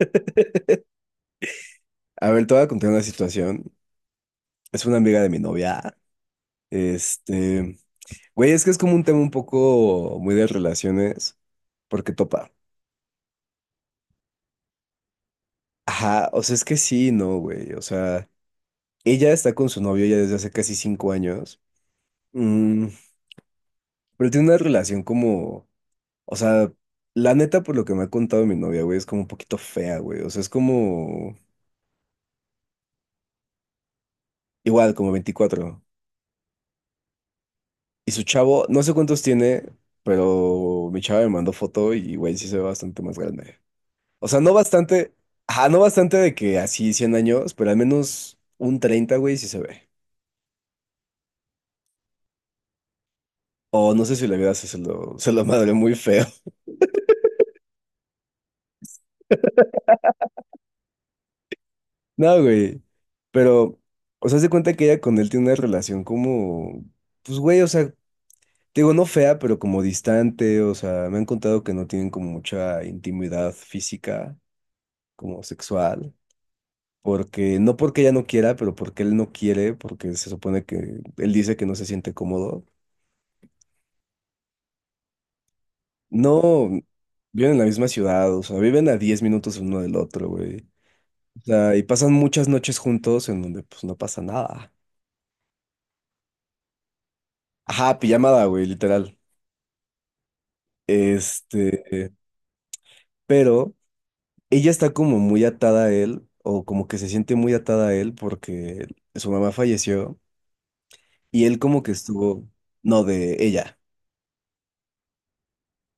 A ver, te voy a contar una situación. Es una amiga de mi novia. Este, güey, es que es como un tema un poco muy de relaciones, porque topa. Ajá, o sea, es que sí, no, güey. O sea, ella está con su novio ya desde hace casi 5 años. Mm, pero tiene una relación como, o sea, la neta, por lo que me ha contado mi novia, güey, es como un poquito fea, güey. O sea, es como, igual, como 24. Y su chavo, no sé cuántos tiene, pero mi chava me mandó foto y, güey, sí se ve bastante más grande. O sea, no bastante, ajá, no bastante de que así 100 años, pero al menos un 30 güey, sí se ve. O no sé si la vida se lo madre muy feo. No, güey. Pero, o sea, se cuenta que ella con él tiene una relación como, pues, güey, o sea, te digo, no fea, pero como distante. O sea, me han contado que no tienen como mucha intimidad física, como sexual. Porque, no porque ella no quiera, pero porque él no quiere, porque se supone que él dice que no se siente cómodo. No, viven en la misma ciudad, o sea, viven a 10 minutos el uno del otro, güey. O sea, y pasan muchas noches juntos en donde pues no pasa nada. Ajá, pijamada, güey, literal. Este, pero ella está como muy atada a él, o como que se siente muy atada a él porque su mamá falleció y él como que estuvo, no, de ella.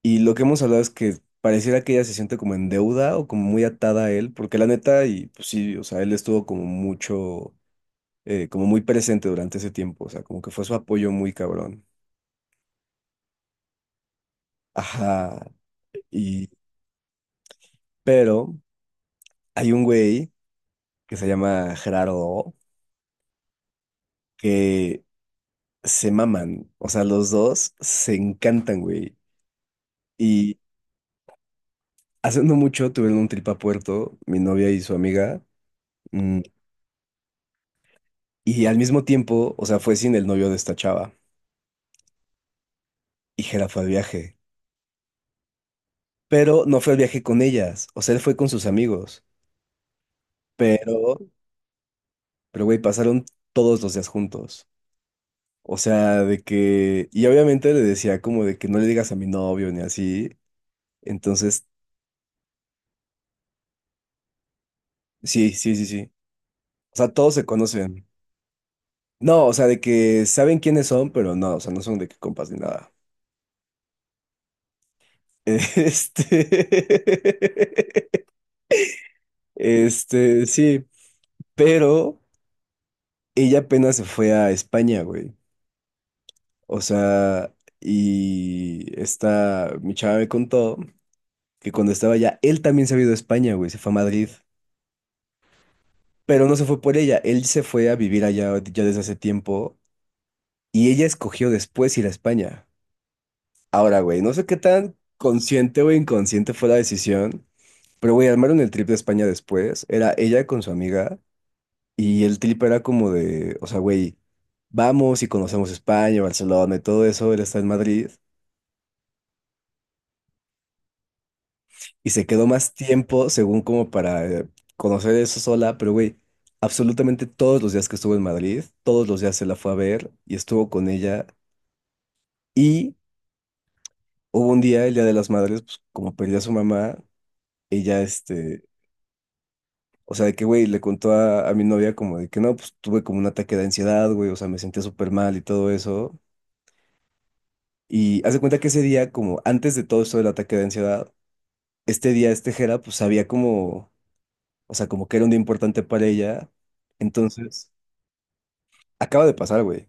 Y lo que hemos hablado es que pareciera que ella se siente como en deuda o como muy atada a él, porque la neta, y pues sí, o sea, él estuvo como mucho, como muy presente durante ese tiempo, o sea, como que fue su apoyo muy cabrón. Ajá, y, pero hay un güey que se llama Gerardo, O, que se maman, o sea, los dos se encantan, güey. Y hace no mucho tuvieron un trip a Puerto, mi novia y su amiga, mm, y al mismo tiempo, o sea, fue sin el novio de esta chava. Y Hera fue al viaje. Pero no fue al viaje con ellas. O sea, él fue con sus amigos. Pero, pero güey, pasaron todos los días juntos. O sea, de que. Y obviamente le decía como de que no le digas a mi novio ni así. Entonces, sí, sí, sí, sí. O sea, todos se conocen. No, o sea, de que saben quiénes son, pero no, o sea, no son de que compas ni nada. Este. Sí. Pero ella apenas se fue a España, güey. O sea, y mi chava me contó que cuando estaba allá, él también se había ido a España, güey, se fue a Madrid, pero no se fue por ella, él se fue a vivir allá ya desde hace tiempo y ella escogió después ir a España. Ahora, güey, no sé qué tan consciente o inconsciente fue la decisión, pero, güey, armaron el trip de España después, era ella con su amiga y el trip era como de, o sea, güey, vamos y conocemos España, Barcelona y todo eso, él está en Madrid. Y se quedó más tiempo, según como para conocer eso sola, pero güey, absolutamente todos los días que estuvo en Madrid, todos los días se la fue a ver y estuvo con ella. Y hubo un día, el Día de las Madres, pues como perdió a su mamá, ella, o sea, de que, güey, le contó a mi novia como de que no, pues tuve como un ataque de ansiedad, güey, o sea, me sentía súper mal y todo eso. Y hace cuenta que ese día, como antes de todo esto del ataque de ansiedad, este día, este Jera, pues sabía como, o sea, como que era un día importante para ella. Entonces. Acaba de pasar, güey.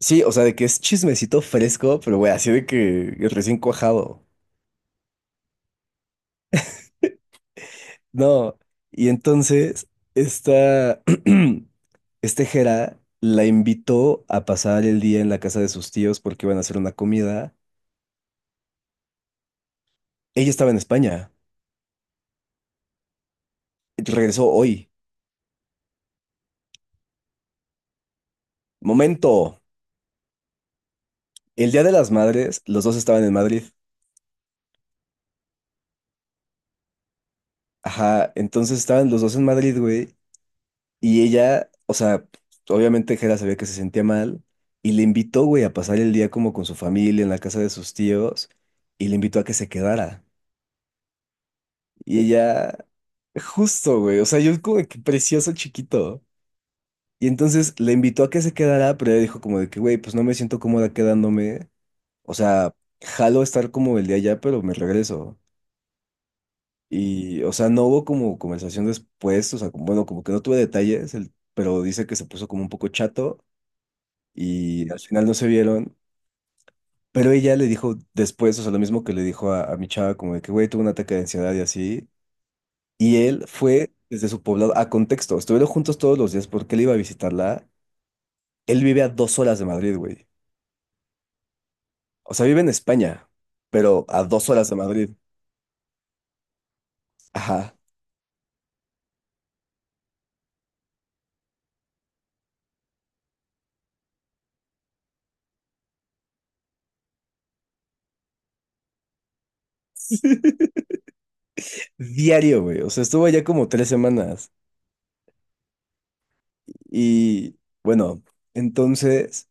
Sí, o sea, de que es chismecito fresco, pero güey, así de que recién cuajado. No. Y entonces, esta, este Jera la invitó a pasar el día en la casa de sus tíos porque iban a hacer una comida. Ella estaba en España. Regresó hoy. Momento. El Día de las Madres, los dos estaban en Madrid. Ajá, entonces estaban los dos en Madrid, güey. Y ella, o sea, obviamente Jera sabía que se sentía mal y le invitó, güey, a pasar el día como con su familia en la casa de sus tíos y le invitó a que se quedara. Y ella, justo, güey, o sea, yo como de que precioso chiquito. Y entonces le invitó a que se quedara, pero ella dijo como de que, güey, pues no me siento cómoda quedándome. O sea, jalo estar como el día allá, pero me regreso. Y, o sea, no hubo como conversación después, o sea, como- bueno, como que no tuve detalles, el- pero dice que se puso como un poco chato. Y al final no se vieron, pero ella le dijo después, o sea, lo mismo que le dijo a mi chava, como de que, güey, tuve un ataque de ansiedad y así, y él fue desde su poblado, a contexto, estuvieron juntos todos los días porque él iba a visitarla, él vive a 2 horas de Madrid, güey, o sea, vive en España, pero a 2 horas de Madrid, ajá. Diario, güey. O sea, estuvo allá como 3 semanas. Y bueno, entonces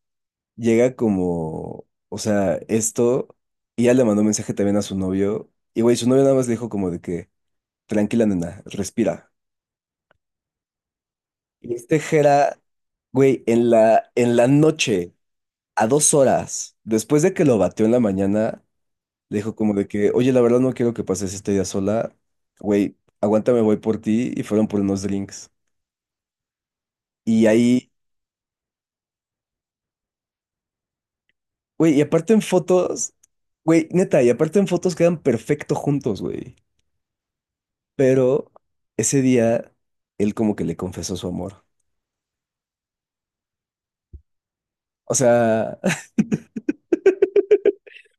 llega como, o sea, esto, y ya le mandó un mensaje también a su novio, y güey, su novio nada más le dijo como de que, tranquila nena, respira. Y este Jera, güey, en la noche, a 2 horas, después de que lo batió en la mañana, le dijo como de que, oye, la verdad no quiero que pases este día sola, güey, aguántame, voy por ti, y fueron por unos drinks. Y ahí, güey, y aparte en fotos, güey, neta, y aparte en fotos quedan perfecto juntos, güey. Pero ese día él como que le confesó su amor. O sea,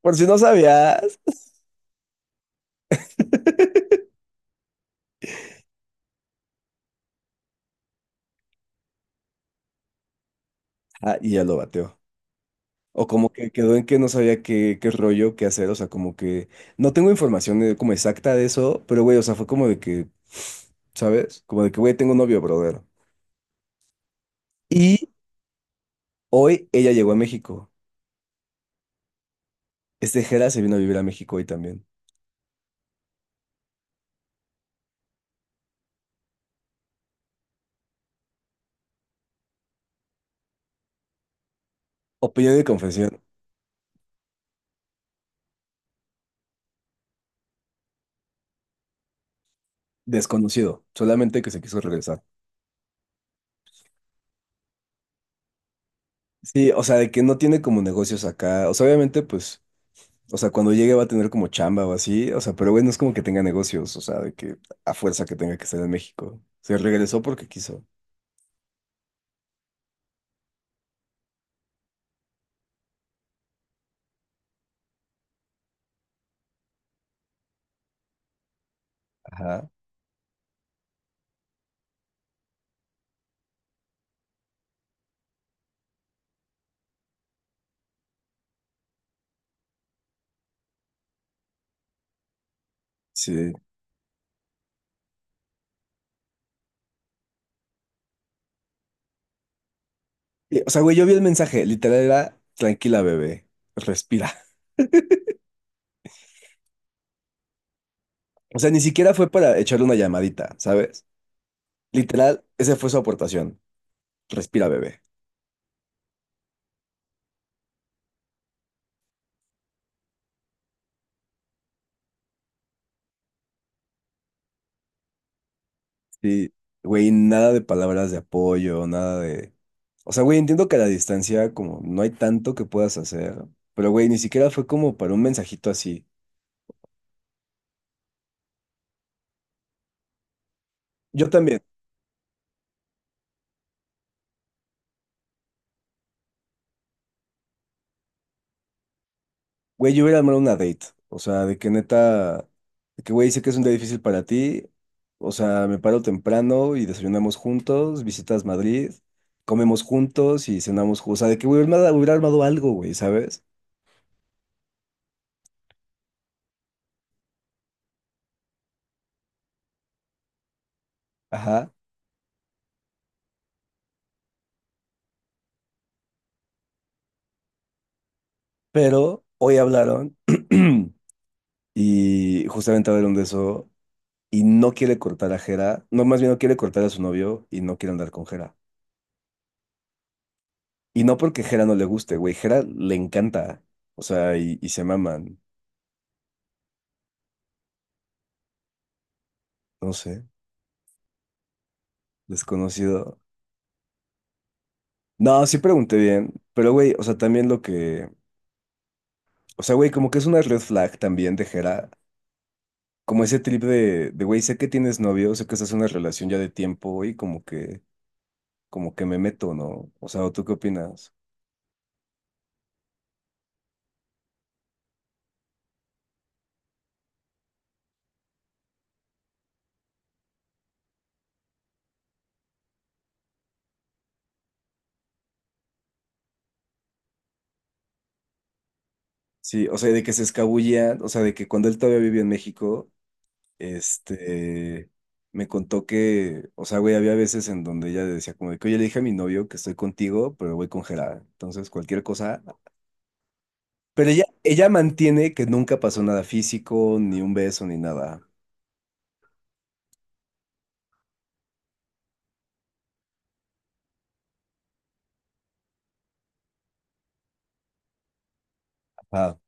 por si no sabías. Ah, y ya lo bateó. O como que quedó en que no sabía qué rollo, qué hacer. O sea, como que no tengo información como exacta de eso, pero güey, o sea, fue como de que, ¿sabes? Como de que, güey, tengo novio, brother. Y hoy ella llegó a México. Este Jera se vino a vivir a México hoy también. Opinión de confesión, desconocido, solamente que se quiso regresar. Sí, o sea, de que no tiene como negocios acá. O sea, obviamente, pues. O sea, cuando llegue va a tener como chamba o así. O sea, pero güey, no es como que tenga negocios. O sea, de que a fuerza que tenga que estar en México. Se regresó porque quiso. Ajá. Sí. Y, o sea, güey, yo vi el mensaje. Literal era, tranquila, bebé. Respira. O sea, ni siquiera fue para echarle una llamadita, ¿sabes? Literal, esa fue su aportación. Respira, bebé. Sí. Güey, nada de palabras de apoyo, nada de... O sea, güey, entiendo que a la distancia como no hay tanto que puedas hacer. Pero, güey, ni siquiera fue como para un mensajito así. Yo también. Güey, yo hubiera armado una date. O sea, de que neta, de que güey, sé que es un día difícil para ti. O sea, me paro temprano y desayunamos juntos, visitas Madrid, comemos juntos y cenamos juntos. O sea, de que güey, hubiera armado algo, güey, ¿sabes? Ajá. Pero hoy hablaron y justamente hablaron de eso y no quiere cortar a Jera. No, más bien no quiere cortar a su novio y no quiere andar con Jera. Y no porque Jera no le guste, güey, Jera le encanta. O sea, y se maman. No sé. Desconocido. No, sí pregunté bien, pero güey, o sea, también lo que, o sea, güey, como que es una red flag también de Jera, como ese trip de, güey, sé que tienes novio, sé que estás en una relación ya de tiempo y como que me meto, ¿no? O sea, ¿o tú qué opinas? Sí, o sea, de que se escabullía, o sea, de que cuando él todavía vivía en México, este, me contó que, o sea, güey, había veces en donde ella decía como de que, oye, le dije a mi novio que estoy contigo, pero voy con Jera, entonces cualquier cosa. Pero ella mantiene que nunca pasó nada físico, ni un beso, ni nada. Ajá.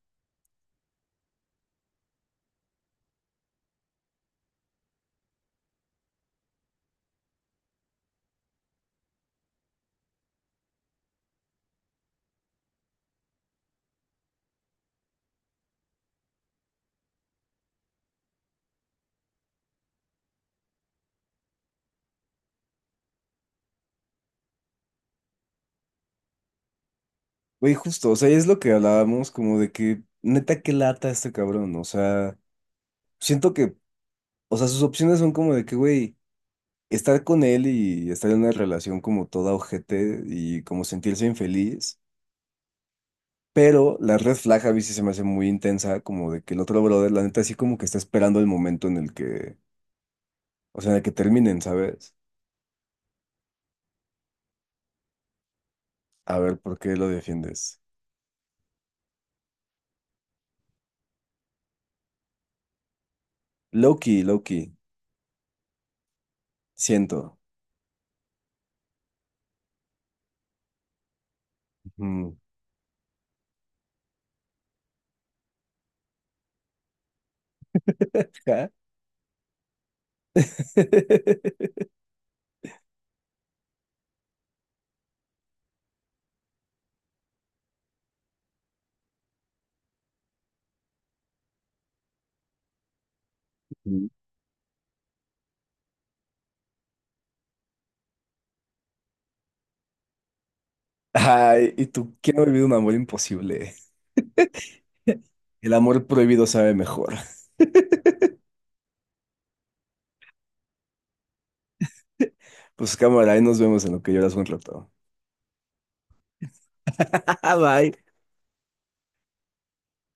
Güey, justo, o sea, es lo que hablábamos, como de que, neta, qué lata este cabrón, o sea, siento que, o sea, sus opciones son como de que, güey, estar con él y estar en una relación como toda ojete y como sentirse infeliz, pero la red flag a veces se me hace muy intensa, como de que el otro brother, la neta, así como que está esperando el momento en el que, o sea, en el que terminen, ¿sabes? A ver, ¿por qué lo defiendes? Loki, Loki, siento. Mm. Ja. Mm. Ay, ¿y tú quién ha vivido un amor imposible? El amor prohibido sabe mejor. Pues cámara, ahí nos vemos en lo que lloras un rato. Bye.